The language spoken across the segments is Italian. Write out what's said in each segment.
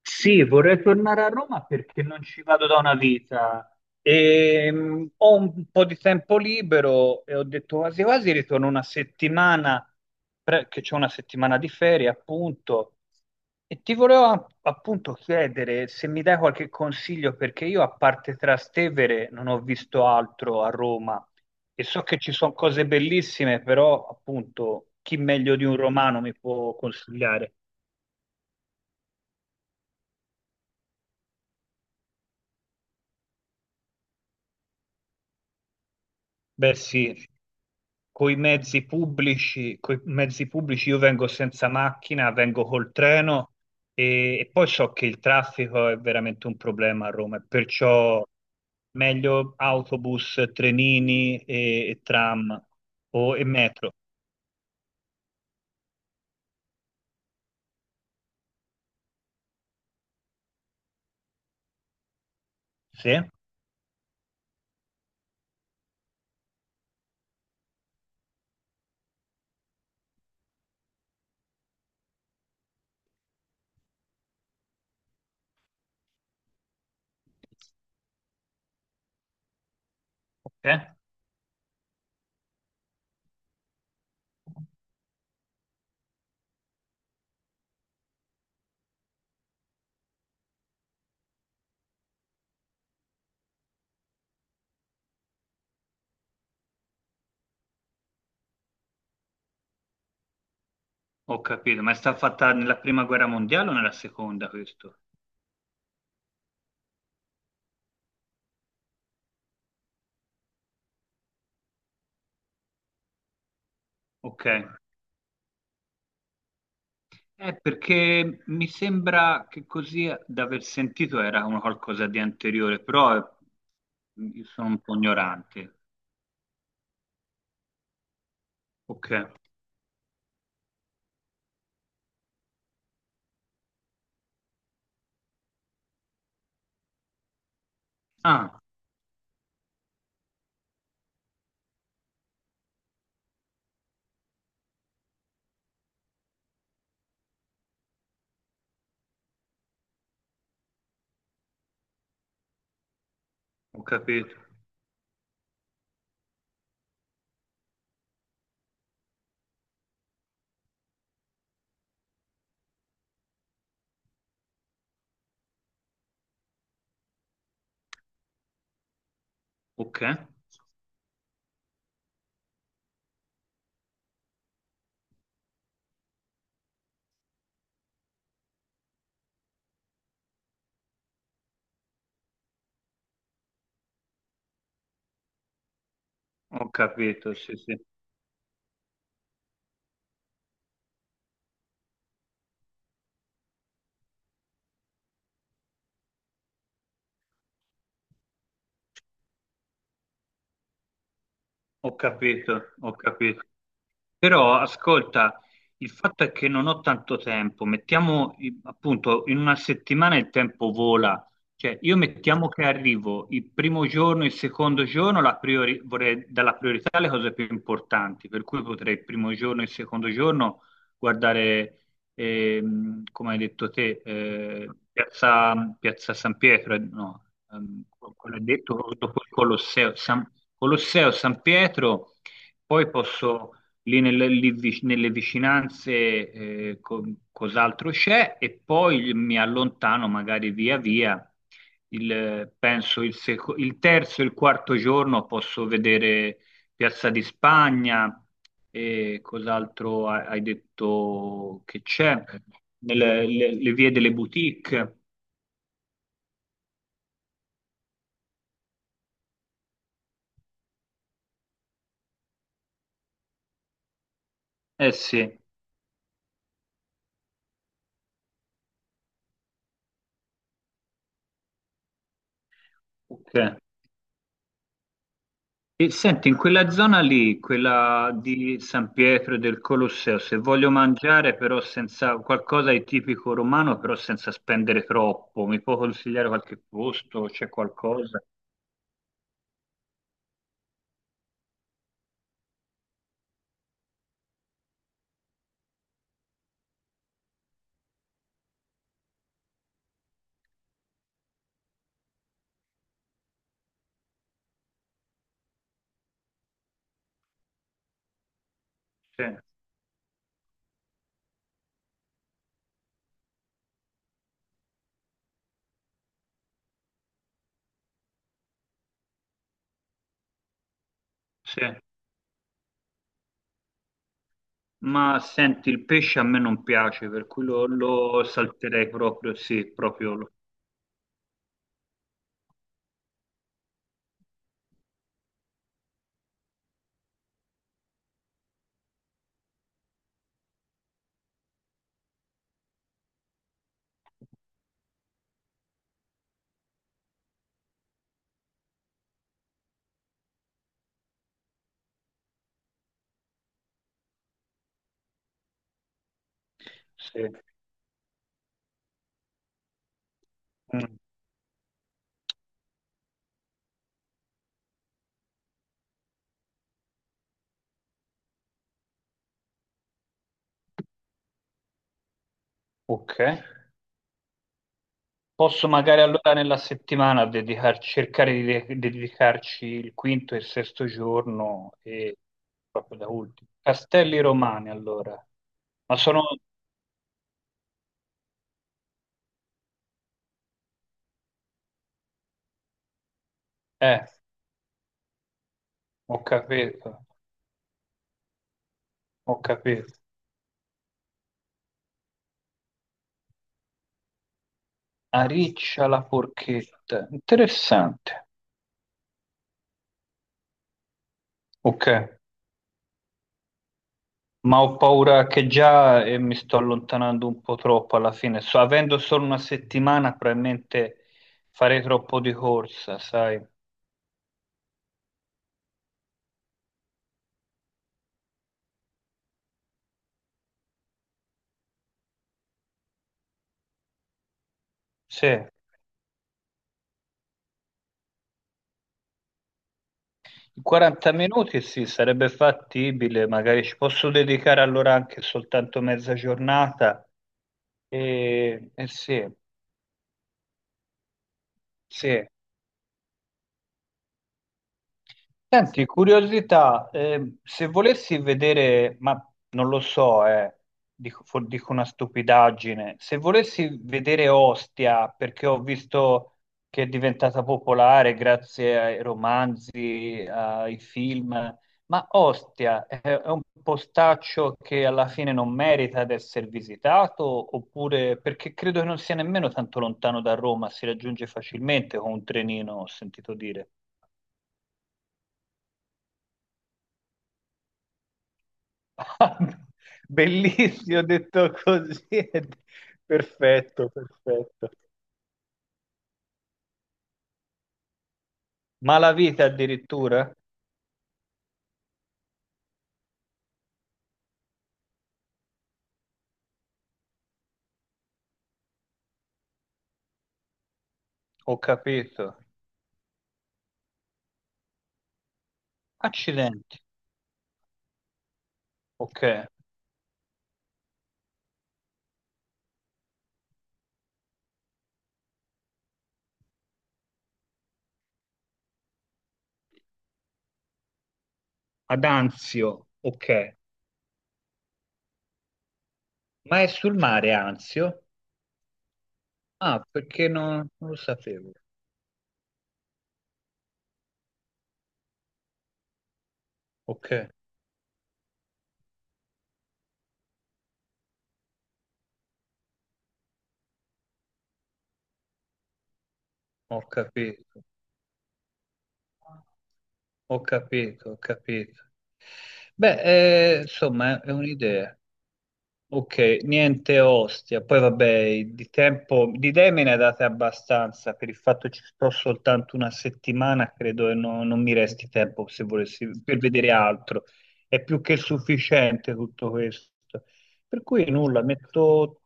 Sì, vorrei tornare a Roma perché non ci vado da una vita. Ho un po' di tempo libero e ho detto quasi quasi ritorno una settimana, che c'è una settimana di ferie appunto. E ti volevo appunto chiedere se mi dai qualche consiglio perché io a parte Trastevere non ho visto altro a Roma e so che ci sono cose bellissime, però appunto chi meglio di un romano mi può consigliare? Beh, sì, coi mezzi pubblici io vengo senza macchina, vengo col treno e poi so che il traffico è veramente un problema a Roma, e perciò meglio autobus, trenini e tram e metro. Sì? Ok, ho capito, ma è stata fatta nella prima guerra mondiale o nella seconda questo? Ok. Perché mi sembra che così da aver sentito era una qualcosa di anteriore, però io sono un po' ignorante. Ok. Ah, ho capito. Ok. Ho capito, sì, sì. Ho capito, ho capito. Però ascolta, il fatto è che non ho tanto tempo, mettiamo appunto in una settimana il tempo vola, cioè io mettiamo che arrivo il primo giorno, il secondo giorno, la vorrei dare la priorità alle cose più importanti, per cui potrei il primo giorno e il secondo giorno guardare, come hai detto te, piazza San Pietro, no, ehm, quello hai detto dopo il Colosseo, San, Colosseo San Pietro, poi posso lì nelle vicinanze cos'altro c'è e poi mi allontano magari via via. Il terzo e il quarto giorno posso vedere Piazza di Spagna e cos'altro hai detto che c'è, le vie delle boutique. Eh sì, ok. E senti, in quella zona lì, quella di San Pietro e del Colosseo, se voglio mangiare però senza qualcosa di tipico romano, però senza spendere troppo, mi può consigliare qualche posto? C'è qualcosa? Sì, sì. Ma senti, il pesce a me non piace, per cui lo salterei proprio, sì, proprio. Sì. Mm. Ok. Posso magari allora nella settimana cercare di dedicarci il quinto e il sesto giorno e proprio da ultimo. Castelli Romani allora. Ma sono... Eh, ho capito, ho capito. Ariccia la porchetta. Interessante. Ok, ma ho paura che già mi sto allontanando un po' troppo alla fine. So, avendo solo una settimana, probabilmente farei troppo di corsa, sai? Sì. 40 minuti sì, sarebbe fattibile, magari ci posso dedicare allora anche soltanto mezza giornata. E sì, sì. Senti, curiosità, se volessi vedere, ma non lo so, dico, dico una stupidaggine, se volessi vedere Ostia, perché ho visto che è diventata popolare grazie ai romanzi, ai film, ma Ostia è un postaccio che alla fine non merita di essere visitato, oppure perché credo che non sia nemmeno tanto lontano da Roma, si raggiunge facilmente con un trenino, ho sentito dire. Bellissimo, detto così, è perfetto, perfetto. Ma la vita addirittura? Ho capito. Accidenti, ok. Ad Anzio, ok. Ma è sul mare Anzio? Ah, perché non, non lo sapevo. Ok, ho capito, ho capito, ho capito. Beh, insomma, è un'idea. Ok, niente Ostia. Poi vabbè, di tempo, di idee me ne date abbastanza, per il fatto ci sto soltanto una settimana, credo che non mi resti tempo se volessi, per vedere altro. È più che sufficiente tutto questo. Per cui nulla, metto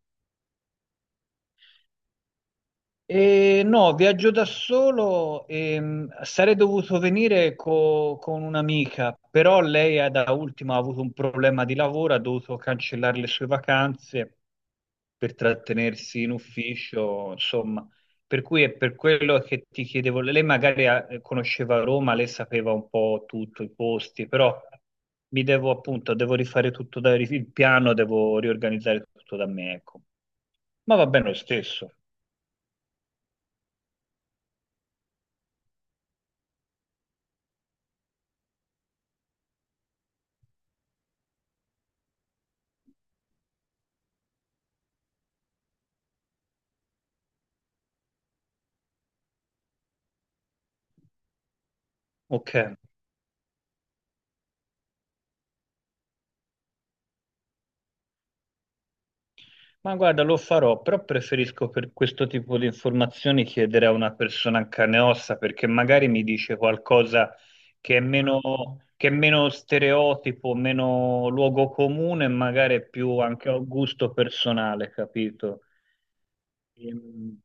No, viaggio da solo, sarei dovuto venire con un'amica, però lei da ultimo ha avuto un problema di lavoro, ha dovuto cancellare le sue vacanze per trattenersi in ufficio, insomma, per cui è per quello che ti chiedevo, lei magari conosceva Roma, lei sapeva un po' tutto, i posti, però mi devo appunto, devo rifare tutto da, il piano, devo riorganizzare tutto da me, ecco. Ma va bene lo stesso, ok. Ma guarda, lo farò, però preferisco per questo tipo di informazioni chiedere a una persona in carne e ossa perché magari mi dice qualcosa che è meno, che è meno stereotipo, meno luogo comune, e magari è più anche a gusto personale, capito? Ehm,